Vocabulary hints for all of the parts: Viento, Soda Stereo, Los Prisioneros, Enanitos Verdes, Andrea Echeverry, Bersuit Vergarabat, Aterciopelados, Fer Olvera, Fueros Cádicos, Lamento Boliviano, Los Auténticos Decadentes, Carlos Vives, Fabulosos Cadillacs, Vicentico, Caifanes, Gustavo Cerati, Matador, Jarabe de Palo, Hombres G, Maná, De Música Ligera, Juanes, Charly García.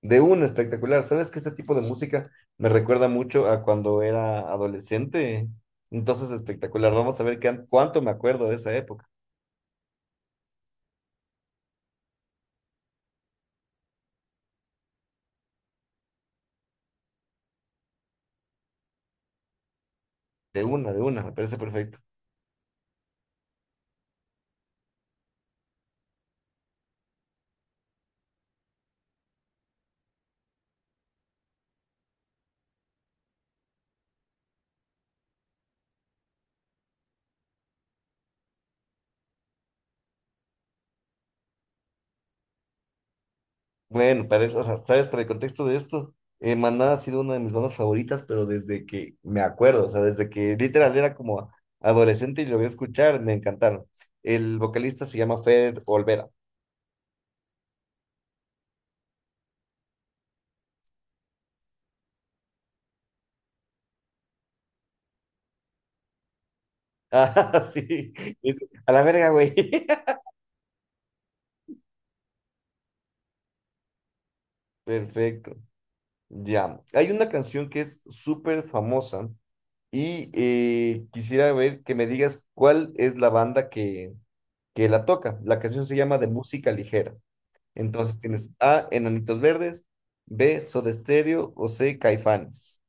De una, espectacular. ¿Sabes que este tipo de música me recuerda mucho a cuando era adolescente? Entonces, espectacular. Vamos a ver qué, cuánto me acuerdo de esa época. De una, me parece perfecto. Bueno, parece, o sea, sabes, para el contexto de esto, Maná ha sido una de mis bandas favoritas, pero desde que me acuerdo, o sea, desde que literal era como adolescente y lo voy a escuchar, me encantaron. El vocalista se llama Fer Olvera. Ah, sí. Es- a la verga, güey. Perfecto. Ya, hay una canción que es súper famosa y quisiera ver que me digas cuál es la banda que la toca. La canción se llama De Música Ligera. Entonces tienes A, Enanitos Verdes, B, Soda Stereo o C, Caifanes.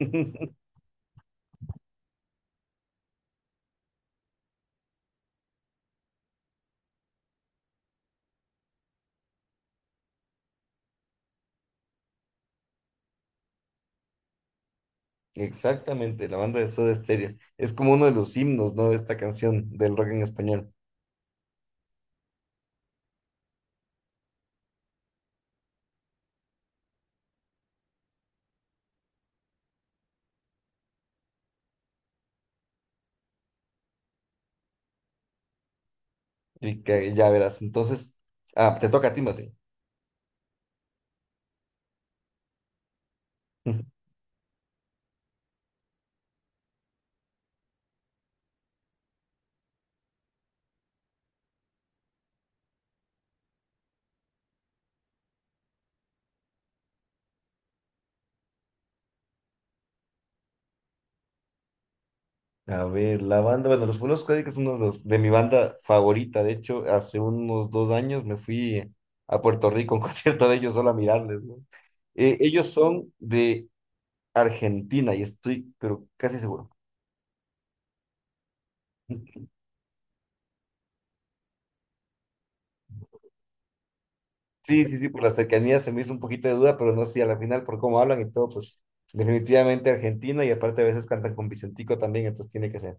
Exactamente, la banda de Soda Stereo. Es como uno de los himnos, ¿no? Esta canción del rock en español. Y que ya verás. Entonces, ah, te toca a ti, Mati. A ver, la banda, bueno, los Fueros Cádicos es uno de, los- de mi banda favorita. De hecho, hace unos 2 años me fui a Puerto Rico a un concierto de ellos solo a mirarles, ¿no? Ellos son de Argentina y estoy, pero casi seguro. Sí, sí, sí, por la cercanía se me hizo un poquito de duda, pero no sé, a la final por cómo hablan y todo, pues definitivamente Argentina y aparte a veces cantan con Vicentico también, entonces tiene que ser.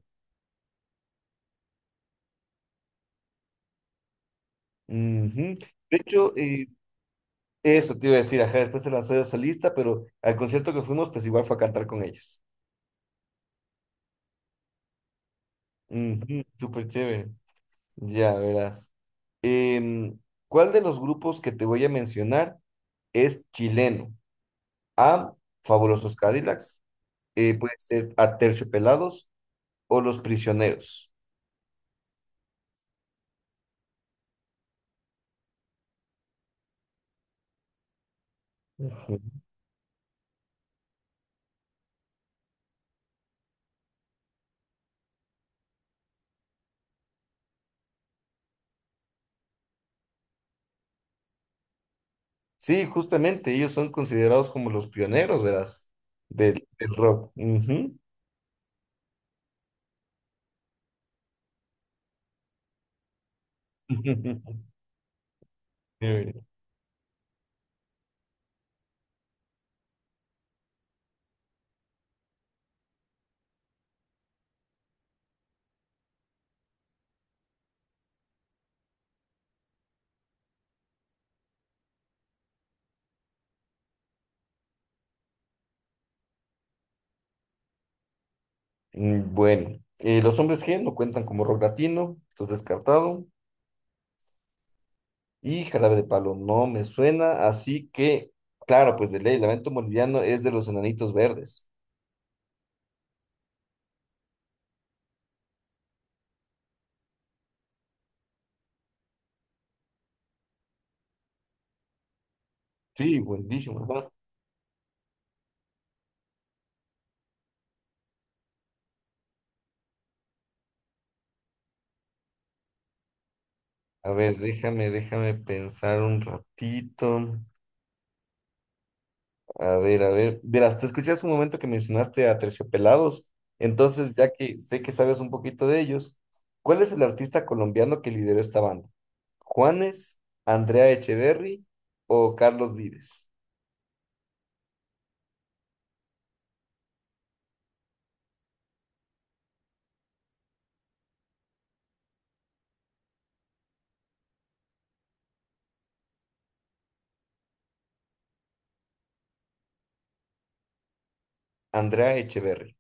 Ujú. De hecho, eso te iba a decir, ajá, después se lanzó de solista, pero al concierto que fuimos, pues igual fue a cantar con ellos. Ujú, súper chévere. Ya verás. Em, ¿Cuál de los grupos que te voy a mencionar es chileno? A. Fabulosos Cadillacs. Puede ser Aterciopelados o Los Prisioneros. Ujú. Sí, justamente, ellos son considerados como los pioneros, ¿verdad? Del rock. Ujú. Chévere. Mm, bueno, los hombres G no cuentan como rock latino, esto es descartado. Y jarabe de palo, no me suena, así que, claro, pues de ley, Lamento Boliviano es de los Enanitos Verdes. Sí, buenísimo, ¿verdad? A ver, déjame pensar un ratito. A ver, a ver. De te escuché hace un momento que mencionaste a Terciopelados, entonces ya que sé que sabes un poquito de ellos, ¿cuál es el artista colombiano que lideró esta banda? ¿Juanes, Andrea Echeverry o Carlos Vives? Andrea Echeverry.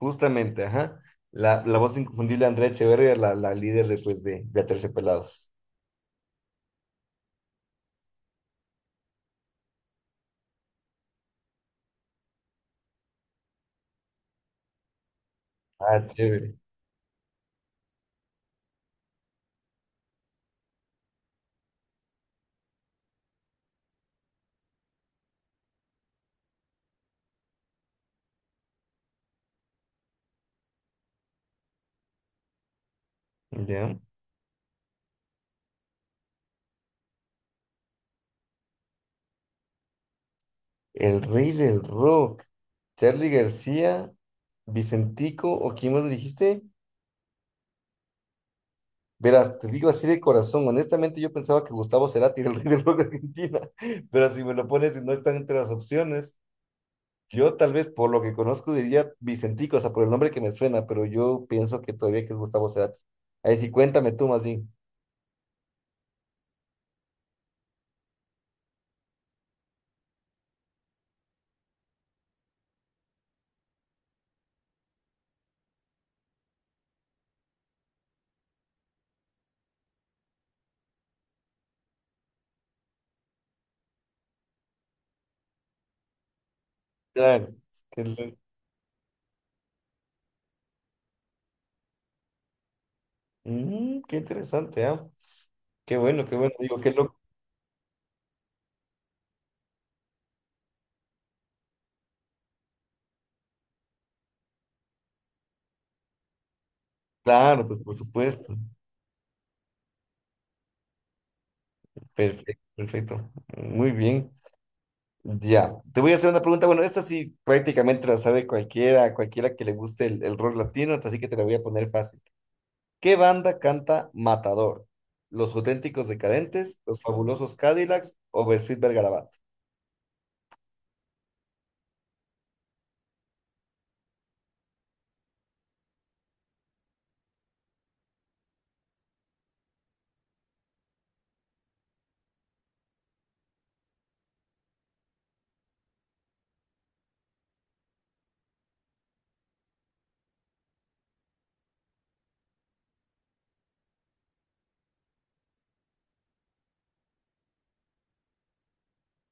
Justamente, ajá. La voz inconfundible de Andrea Echeverría, la líder de, pues, de Aterciopelados. Ah, chévere. Ya. El rey del rock. Charly García, Vicentico, ¿o quién más me dijiste? Verás, te digo así de corazón, honestamente yo pensaba que Gustavo Cerati era el rey del rock de Argentina, pero si me lo pones y no están entre las opciones, yo tal vez por lo que conozco diría Vicentico, o sea, por el nombre que me suena, pero yo pienso que todavía que es Gustavo Cerati. Ahí sí, cuéntame tú más bien. Claro. Mm, qué interesante, ¿ah? Qué bueno, qué bueno. Digo, qué loco. Claro, pues por supuesto. Perfecto, perfecto. Muy bien. Ya, te voy a hacer una pregunta. Bueno, esta sí prácticamente la sabe cualquiera, cualquiera que le guste el rock latino, así que te la voy a poner fácil. ¿Qué banda canta Matador? ¿Los Auténticos Decadentes, Los Fabulosos Cadillacs o Bersuit Vergarabat?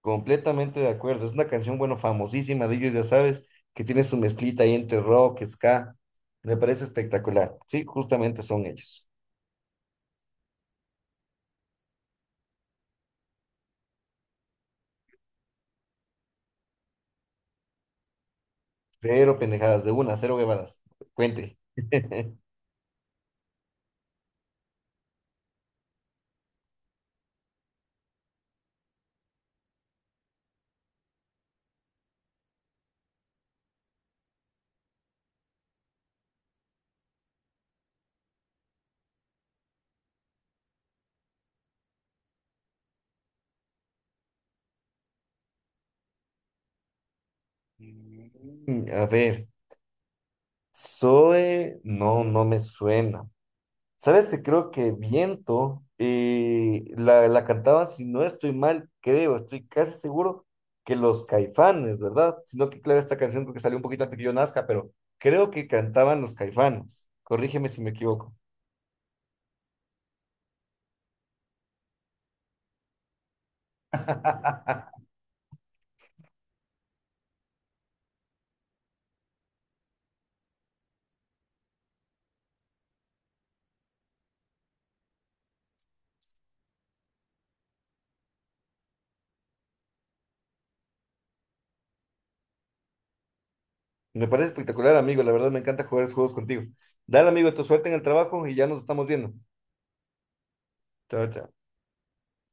Completamente de acuerdo. Es una canción, bueno, famosísima de ellos, ya sabes, que tiene su mezclita ahí entre rock, ska. Me parece espectacular. Sí, justamente son ellos. Cero pendejadas, de una, cero huevadas. Cuente. Mm, a ver, Zoe, no, no me suena. ¿Sabes? Que creo que Viento la cantaban, si no estoy mal, creo, estoy casi seguro que los Caifanes, ¿verdad? Sino que, claro, esta canción creo que salió un poquito antes que yo nazca, pero creo que cantaban los Caifanes. Corrígeme si me equivoco. Me parece espectacular, amigo. La verdad me encanta jugar esos juegos contigo. Dale, amigo, tu suerte en el trabajo y ya nos estamos viendo. Chao, chao.